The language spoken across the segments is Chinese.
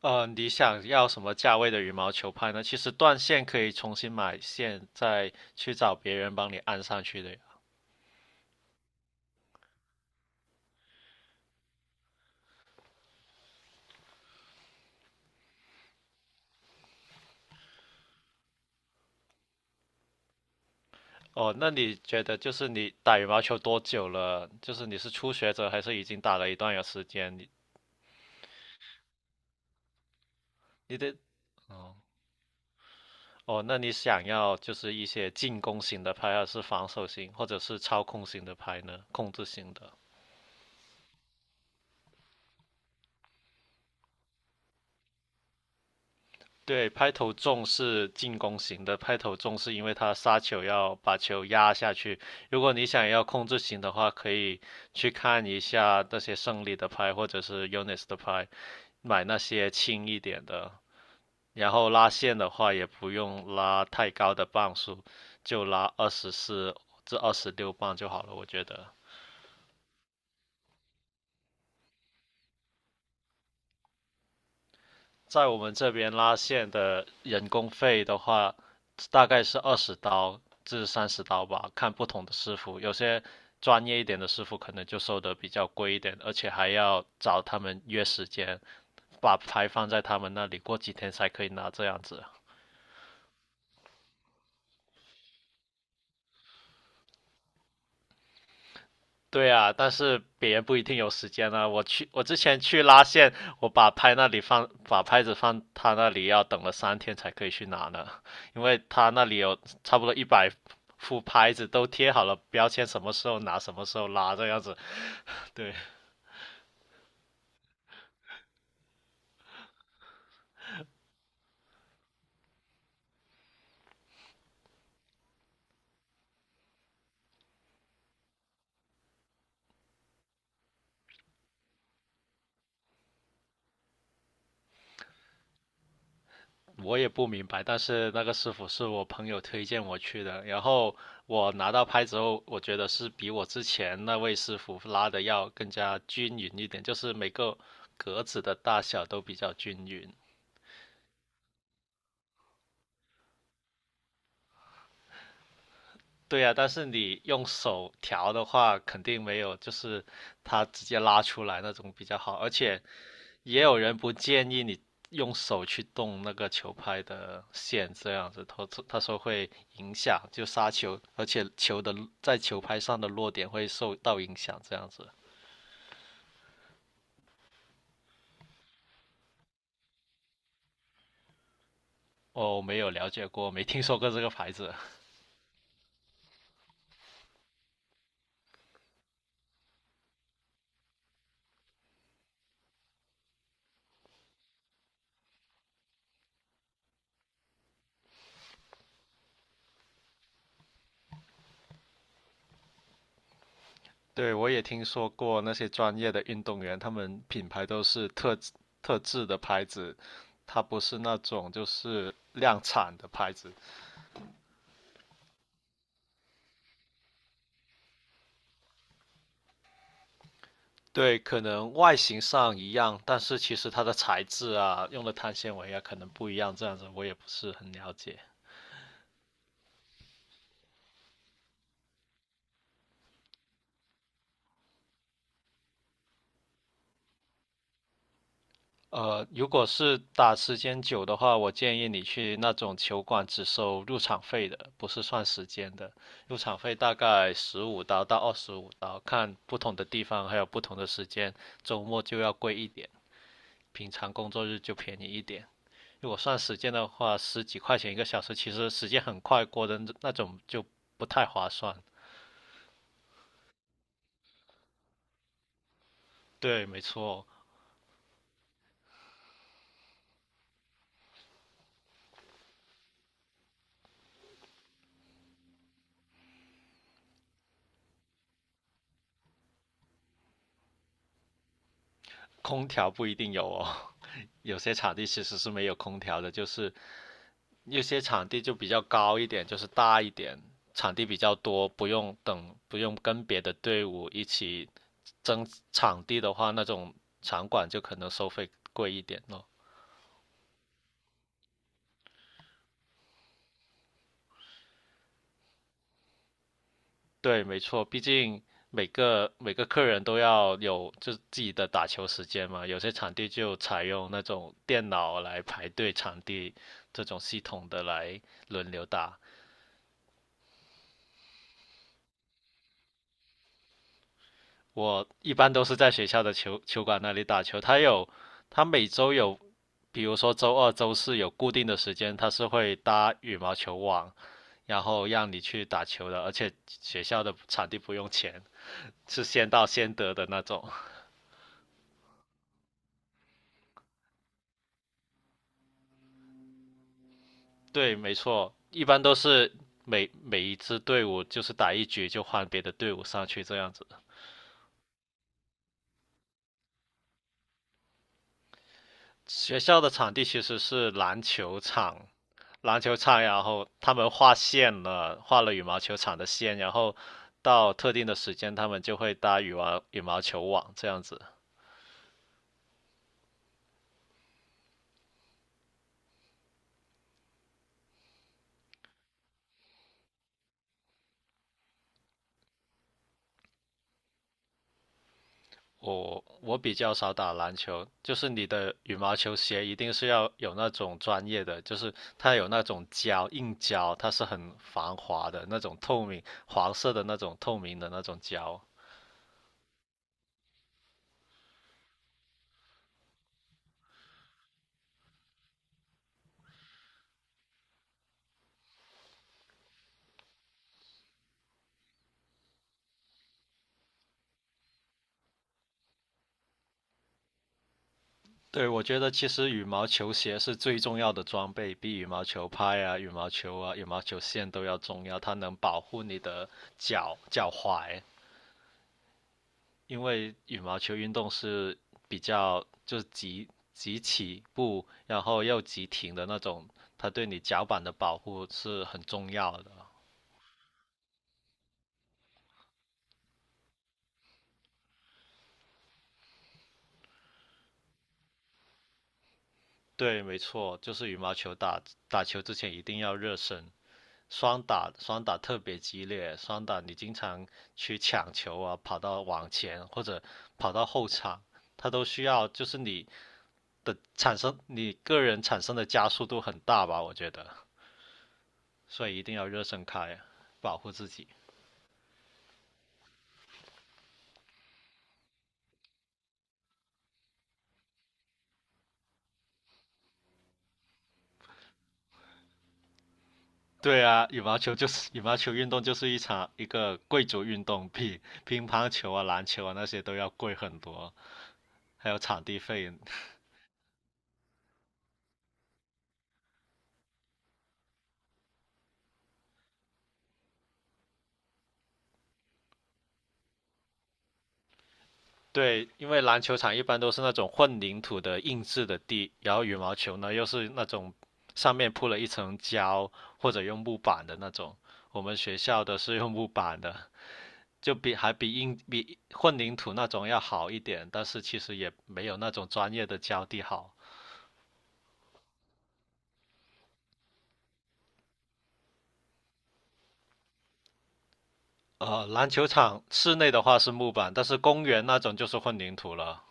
你想要什么价位的羽毛球拍呢？其实断线可以重新买线，再去找别人帮你安上去的呀。哦，那你觉得就是你打羽毛球多久了？就是你是初学者还是已经打了一段有时间？你得。哦哦，那你想要就是一些进攻型的拍，还是防守型，或者是操控型的拍呢？控制型的？对，拍头重是进攻型的，拍头重是因为他杀球要把球压下去。如果你想要控制型的话，可以去看一下那些胜利的拍或者是 Unis 的拍，买那些轻一点的。然后拉线的话，也不用拉太高的磅数，就拉24至26磅就好了，我觉得。在我们这边拉线的人工费的话，大概是20刀至30刀吧，看不同的师傅。有些专业一点的师傅可能就收的比较贵一点，而且还要找他们约时间，把牌放在他们那里，过几天才可以拿这样子。对啊，但是别人不一定有时间啊。我之前去拉线，我把拍那里放，把拍子放他那里，要等了3天才可以去拿呢，因为他那里有差不多100副拍子都贴好了标签，什么时候拿，什么时候拉这样子。对。我也不明白，但是那个师傅是我朋友推荐我去的，然后我拿到拍子后，我觉得是比我之前那位师傅拉的要更加均匀一点，就是每个格子的大小都比较均匀。对呀，但是你用手调的话，肯定没有就是它直接拉出来那种比较好。而且也有人不建议你用手去动那个球拍的线，这样子，他说会影响就杀球，而且球的在球拍上的落点会受到影响，这样子。哦，没有了解过，没听说过这个牌子。对，我也听说过那些专业的运动员，他们品牌都是特制的牌子，它不是那种就是量产的牌子。对，可能外形上一样，但是其实它的材质啊，用的碳纤维啊，可能不一样。这样子我也不是很了解。如果是打时间久的话，我建议你去那种球馆只收入场费的，不是算时间的。入场费大概15刀到25刀，看不同的地方还有不同的时间，周末就要贵一点，平常工作日就便宜一点。如果算时间的话，十几块钱一个小时，其实时间很快过的那种就不太划算。对，没错，空调不一定有哦，有些场地其实是没有空调的，就是有些场地就比较高一点，就是大一点，场地比较多，不用等，不用跟别的队伍一起争场地的话，那种场馆就可能收费贵一点咯。对，没错，毕竟每个客人都要有就自己的打球时间嘛，有些场地就采用那种电脑来排队场地这种系统的来轮流打。我一般都是在学校的球馆那里打球，它有它每周有比如说周二、周四有固定的时间，它是会搭羽毛球网，然后让你去打球的，而且学校的场地不用钱，是先到先得的那种。对，没错，一般都是每一支队伍就是打一局就换别的队伍上去这样子。学校的场地其实是篮球场，篮球场，然后他们画线了，画了羽毛球场的线，然后到特定的时间他们就会搭羽毛球网这样子。我比较少打篮球，就是你的羽毛球鞋一定是要有那种专业的，就是它有那种胶硬胶，它是很防滑的那种透明黄色的那种透明的那种胶。对，我觉得其实羽毛球鞋是最重要的装备，比羽毛球拍啊、羽毛球啊、羽毛球线都要重要，它能保护你的脚脚踝。因为羽毛球运动是比较就是急起步，然后又急停的那种，它对你脚板的保护是很重要的。对，没错，就是羽毛球打球之前一定要热身，双打双打特别激烈，双打你经常去抢球啊，跑到网前或者跑到后场，它都需要就是你的产生你个人产生的加速度很大吧，我觉得，所以一定要热身开，保护自己。对啊，羽毛球就是羽毛球运动，就是一场一个贵族运动，比乒乓球啊、篮球啊那些都要贵很多，还有场地费。对，因为篮球场一般都是那种混凝土的硬质的地，然后羽毛球呢又是那种上面铺了一层胶或者用木板的那种。我们学校的是用木板的，就比还比硬比混凝土那种要好一点，但是其实也没有那种专业的胶地好。篮球场室内的话是木板，但是公园那种就是混凝土了。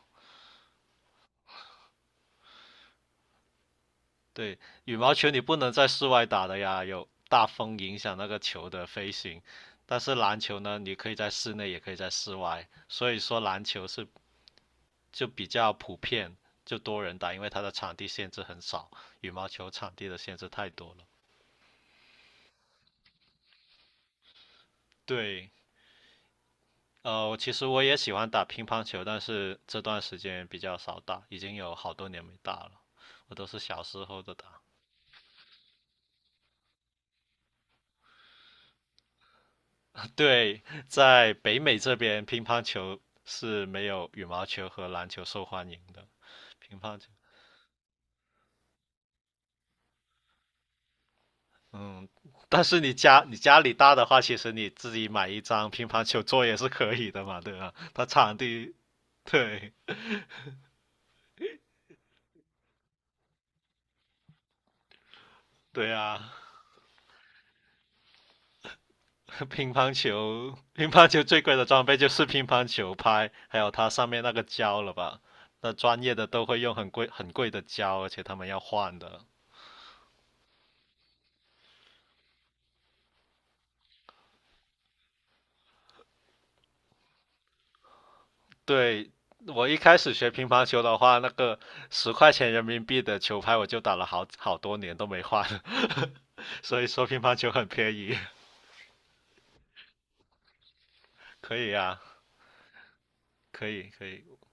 对，羽毛球你不能在室外打的呀，有大风影响那个球的飞行。但是篮球呢，你可以在室内，也可以在室外，所以说篮球是就比较普遍，就多人打，因为它的场地限制很少，羽毛球场地的限制太多了。对，其实我也喜欢打乒乓球，但是这段时间比较少打，已经有好多年没打了，我都是小时候的打。对，在北美这边，乒乓球是没有羽毛球和篮球受欢迎的。乒乓球，嗯，但是你家你家里大的话，其实你自己买一张乒乓球桌也是可以的嘛，对吧？它场地，对。对啊，乒乓球最贵的装备就是乒乓球拍，还有它上面那个胶了吧？那专业的都会用很贵很贵的胶，而且他们要换的。对，我一开始学乒乓球的话，那个10块钱人民币的球拍，我就打了好多年都没换，所以说乒乓球很便宜，可以啊，可以可以，